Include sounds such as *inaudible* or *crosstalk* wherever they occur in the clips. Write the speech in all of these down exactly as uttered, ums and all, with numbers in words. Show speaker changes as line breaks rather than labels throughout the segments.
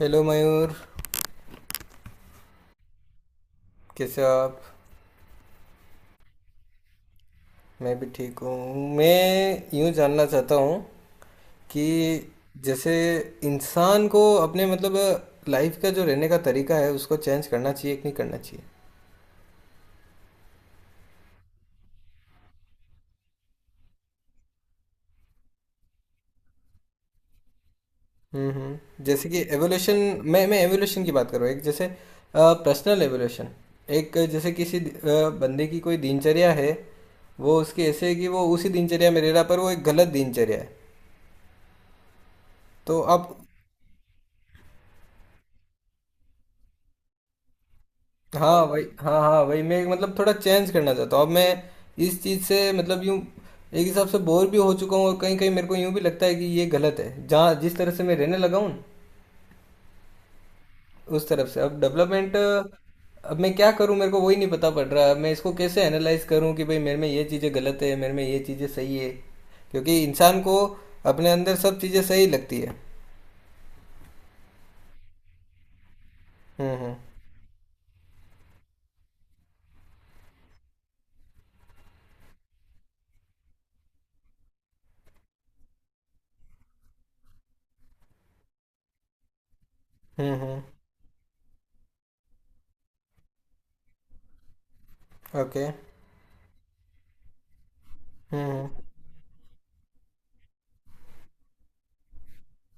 Hello Mayur. कैसे हो आप? मैं भी ठीक हूँ। मैं यूँ जानना चाहता हूँ कि जैसे इंसान को अपने मतलब लाइफ का जो रहने का तरीका है उसको चेंज करना चाहिए कि नहीं करना चाहिए? हम्म, हम्म। जैसे कि एवोल्यूशन। मैं मैं एवोल्यूशन की बात कर रहा हूँ, एक जैसे पर्सनल एवोल्यूशन। एक जैसे किसी अ, बंदे की कोई दिनचर्या है। वो उसकी ऐसे है कि वो उसी दिनचर्या में रह रहा, पर वो एक गलत दिनचर्या है, तो आप। हाँ, वही। हाँ, हाँ, वही। मैं मतलब थोड़ा चेंज करना चाहता हूँ अब मैं। इस चीज़ से मतलब यूँ एक हिसाब से बोर भी हो चुका हूँ, और कहीं कहीं मेरे को यूँ भी लगता है कि ये गलत है, जहाँ जिस तरह से मैं रहने लगा हूँ। उस तरफ से अब डेवलपमेंट, अब मैं क्या करूँ मेरे को वही नहीं पता पड़ रहा है। मैं इसको कैसे एनालाइज करूँ कि भाई मेरे में ये चीज़ें गलत है, मेरे में ये चीज़ें सही है। क्योंकि इंसान को अपने अंदर सब चीज़ें सही लगती है। हम्म, हम्म, हम्म, हम्म, ओके, हम्म,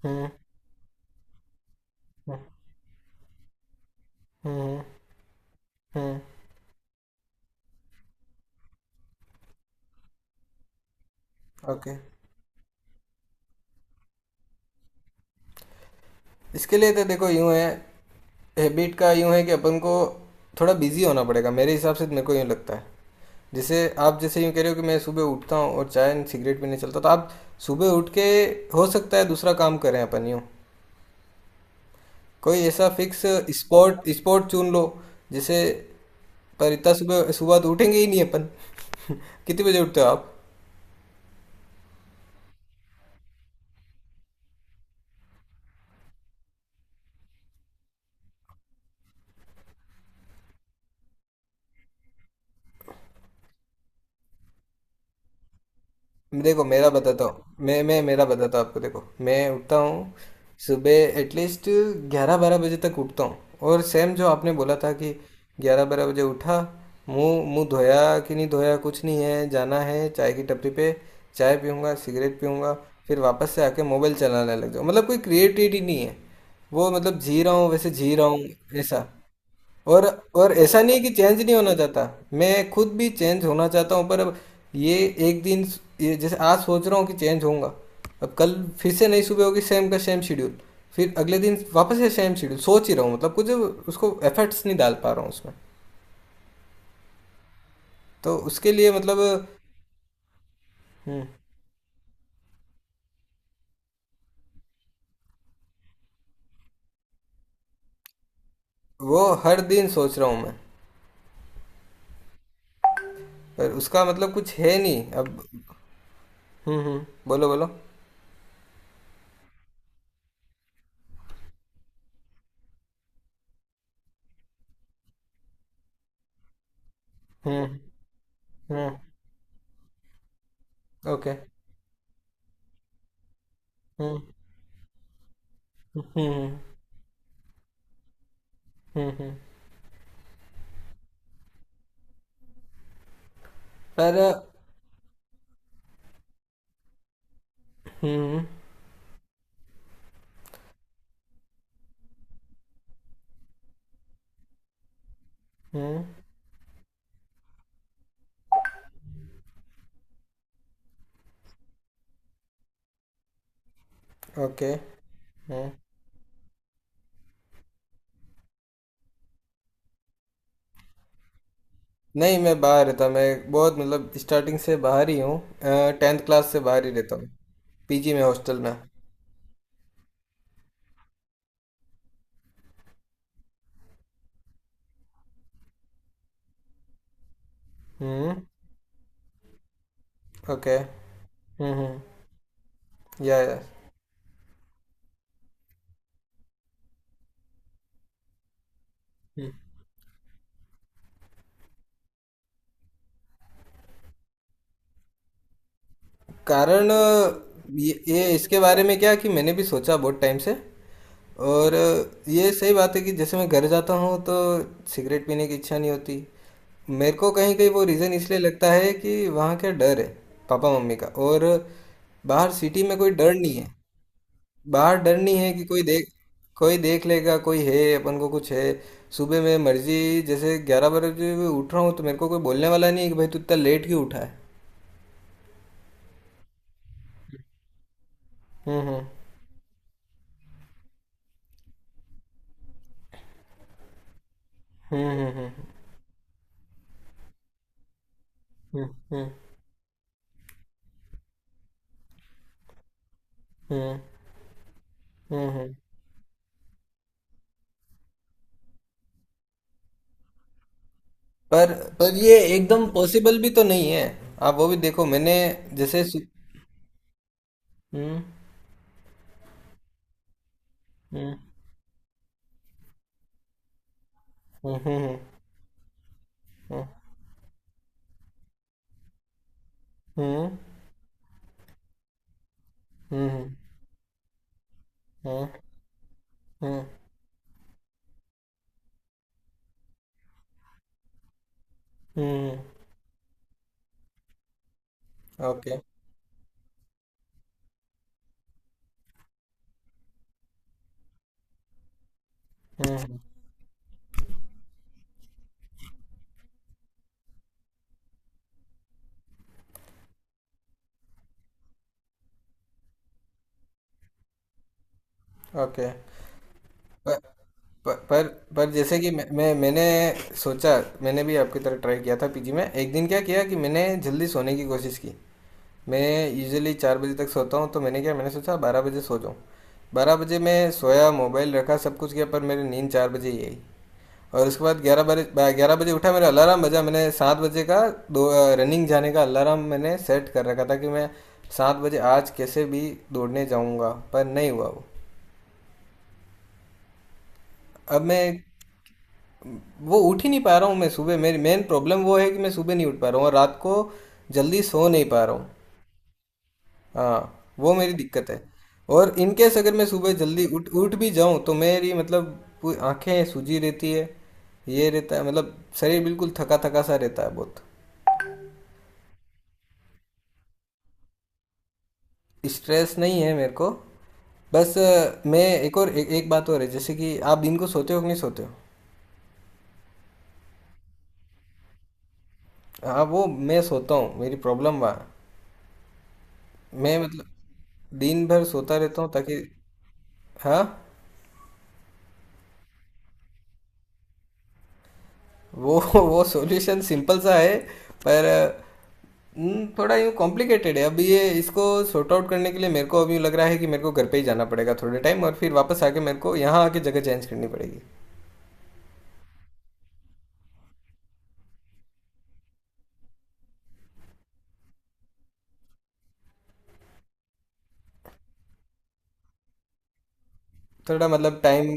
हम्म, हम्म, हम्म, हम्म, हम्म, ओके। इसके लिए तो देखो यूँ है, हैबिट का यूँ है कि अपन को थोड़ा बिजी होना पड़ेगा। मेरे हिसाब से तो मेरे को यूँ लगता है। जैसे आप जैसे यूँ कह रहे हो कि मैं सुबह उठता हूँ और चाय एंड सिगरेट पीने चलता हूँ, तो आप सुबह उठ के हो सकता है दूसरा काम करें अपन यूँ, कोई ऐसा फिक्स स्पॉट स्पॉट चुन लो जैसे। पर इतना सुबह सुबह तो उठेंगे ही नहीं अपन। *laughs* कितने बजे उठते हो आप? देखो मेरा बताता हूँ, मैं मैं मेरा बताता हूँ आपको। देखो मैं उठता हूँ सुबह एटलीस्ट ग्यारह बारह बजे तक उठता हूँ। और सेम जो आपने बोला था कि ग्यारह बारह बजे उठा, मुंह मुंह धोया कि नहीं धोया, कुछ नहीं है, जाना है चाय की टपरी पे। चाय पीऊँगा, सिगरेट पीऊँगा। फिर वापस से आके मोबाइल चलाने लग जाऊँ, मतलब कोई क्रिएटिविटी नहीं है। वो मतलब जी रहा हूँ, वैसे जी रहा हूँ ऐसा। और और ऐसा नहीं है कि चेंज नहीं होना चाहता। मैं खुद भी चेंज होना चाहता हूँ, पर अब ये एक दिन, ये जैसे आज सोच रहा हूँ कि चेंज होऊंगा। अब कल फिर से नई सुबह होगी, सेम का सेम शेड्यूल। फिर अगले दिन वापस से सेम शेड्यूल, सोच ही रहा हूँ मतलब कुछ उसको एफर्ट्स नहीं डाल पा रहा हूँ उसमें, तो उसके लिए मतलब। हम्म। वो हर दिन सोच रहा हूँ मैं। पर उसका मतलब कुछ है नहीं अब। हम्म, हम्म। बोलो, बोलो। हम्म, हम्म, ओके, हम्म, हम्म, हम्म, हम्म, पर, हम्म, हम्म, ओके, हाँ। नहीं, मैं बाहर रहता, मैं बहुत मतलब स्टार्टिंग से बाहर ही हूँ। टेंथ क्लास से बाहर ही रहता हूँ। पीजी में, हॉस्टल में। हम्म, ओके, हम्म, हम्म, या या। कारण अ, ये, ये इसके बारे में क्या कि मैंने भी सोचा बहुत टाइम से। और अ, ये सही बात है कि जैसे मैं घर जाता हूँ तो सिगरेट पीने की इच्छा नहीं होती। मेरे को कहीं कहीं वो रीज़न इसलिए लगता है कि वहाँ का डर है, पापा मम्मी का। और बाहर सिटी में कोई डर नहीं है। बाहर डर नहीं है कि कोई देख, कोई देख लेगा, कोई है अपन को कुछ है। सुबह मैं मर्जी जैसे ग्यारह बजे भी उठ रहा हूँ तो मेरे को कोई बोलने वाला नहीं है कि भाई तू इतना लेट क्यों उठा है। हम्म, हम्म, हम्म, हम्म, हम्म, हम्म, हम्म, हम्म, हम्म, हम्म। पर पर ये एकदम पॉसिबल भी तो नहीं है। आप वो भी देखो मैंने जैसे सु- हम्म, हम्म, हम्म, हम्म, हम्म, हम्म, हम्म, हम्म, हम्म, हम्म, हम्म, हम्म, ओके, हम्म, ओके। पर पर पर जैसे कि मैं, मैं मैंने सोचा, मैंने भी आपकी तरह ट्राई किया था पीजी में। एक दिन क्या किया कि मैंने जल्दी सोने की कोशिश की। मैं यूजुअली चार बजे तक सोता हूँ, तो मैंने क्या, मैंने सोचा बारह बजे सो जाऊँ। बारह बजे मैं सोया, मोबाइल रखा, सब कुछ किया, पर मेरी नींद चार बजे ही आई। और उसके बाद ग्यारह बजे ग्यारह बजे उठा, मेरा अलार्म बजा, मैंने सात बजे का दो, रनिंग जाने का अलार्म मैंने सेट कर रखा था कि मैं सात बजे आज कैसे भी दौड़ने जाऊँगा, पर नहीं हुआ वो। अब मैं वो उठ ही नहीं पा रहा हूँ, मैं सुबह। मेरी मेन प्रॉब्लम वो है कि मैं सुबह नहीं उठ पा रहा हूँ और रात को जल्दी सो नहीं पा रहा हूँ। हाँ, वो मेरी दिक्कत है। और इन केस अगर मैं सुबह जल्दी उठ उठ भी जाऊँ तो मेरी मतलब पूरी आंखें सूजी रहती है, ये रहता है, मतलब शरीर बिल्कुल थका थका सा रहता है बहुत। स्ट्रेस नहीं है मेरे को। बस अ, मैं एक और एक, एक बात और है, जैसे कि आप दिन को सोते हो कि नहीं सोते हो? हाँ, वो मैं सोता हूँ, मेरी प्रॉब्लम वहाँ है। मैं मतलब दिन भर सोता रहता हूँ ताकि। हाँ, वो वो सॉल्यूशन सिंपल सा है, पर हम्म, थोड़ा यूँ कॉम्प्लिकेटेड है। अब ये इसको सॉर्ट आउट करने के लिए मेरे को अभी यूँ लग रहा है कि मेरे को घर पे ही जाना पड़ेगा थोड़े टाइम, और फिर वापस आके मेरे को यहाँ आके जगह चेंज करनी पड़ेगी। थोड़ा मतलब टाइम।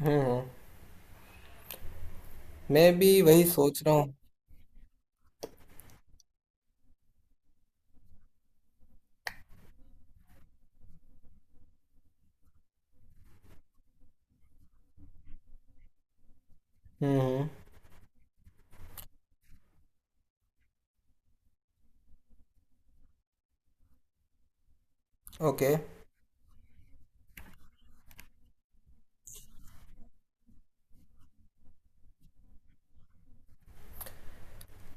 हम्म, हम्म। मैं भी वही सोच रहा हूँ। हम्म, हम्म, ओके।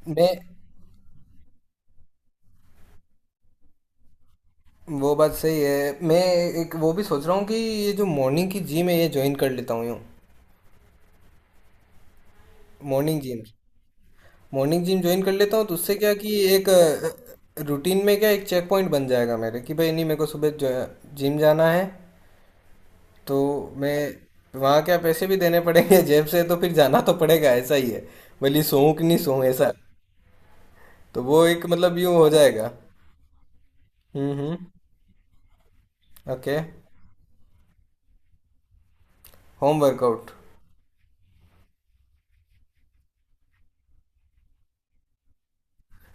मैं, वो बात सही है। मैं एक वो भी सोच रहा हूँ कि ये जो मॉर्निंग की जिम है, ये ज्वाइन कर लेता हूँ यूँ। Morning gym, morning gym join कर लेता हूँ तो उससे क्या कि एक रूटीन में क्या एक चेक पॉइंट बन जाएगा मेरे कि भाई नहीं, मेरे को सुबह जो जिम जाना है। तो मैं वहाँ क्या पैसे भी देने पड़ेंगे जेब से, तो फिर जाना तो पड़ेगा ऐसा ही है, भले सोऊं कि नहीं सोऊं ऐसा। तो वो एक मतलब यूँ हो जाएगा। हम्म, हम्म, ओके। Home workout?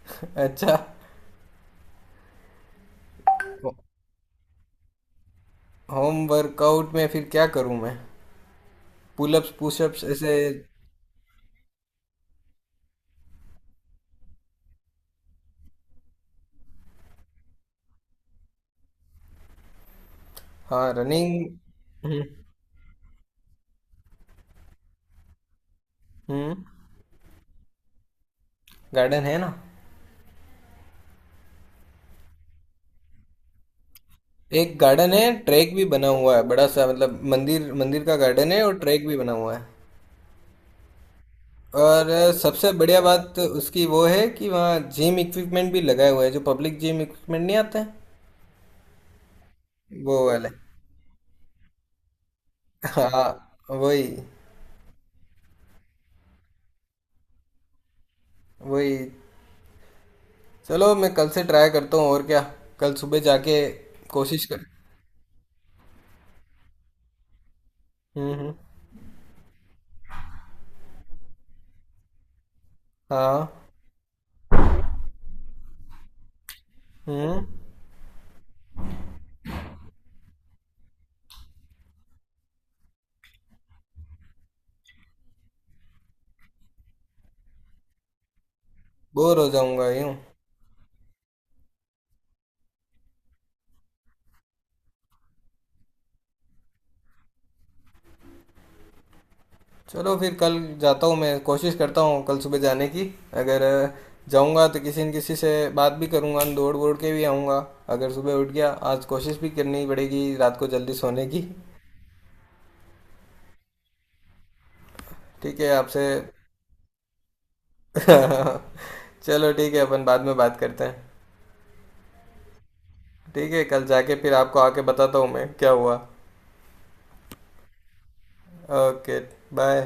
*laughs* अच्छा। होम वर्कआउट में फिर क्या करूँ मैं? पुलअप्स, पुशअप्स ऐसे? हाँ, रनिंग। हम्म, हम्म। गार्डन है ना। एक गार्डन है, ट्रैक भी बना हुआ है बड़ा सा, मतलब मंदिर, मंदिर का गार्डन है और ट्रैक भी बना हुआ है। और अ, सबसे बढ़िया बात उसकी वो है कि वहाँ जिम इक्विपमेंट भी लगाए हुए हैं, जो पब्लिक जिम इक्विपमेंट नहीं आते हैं। वो वाले। हाँ, वही, वही। चलो मैं कल से ट्राई करता हूँ और क्या, कल सुबह जाके कोशिश कर। हम्म, हम्म, हाँ, हम्म। बोर हो जाऊंगा यूं। चलो फिर कल जाता हूँ, मैं कोशिश करता हूँ कल सुबह जाने की। अगर अ, जाऊँगा तो किसी न किसी से बात भी करूँगा, दौड़ वोड़ के भी आऊँगा अगर सुबह उठ गया। आज कोशिश भी करनी पड़ेगी रात को जल्दी सोने की। ठीक है आपसे। *laughs* चलो ठीक है, अपन बाद में बात करते हैं। ठीक है, कल जाके फिर आपको आके बताता हूँ मैं क्या हुआ। ओके। बाय।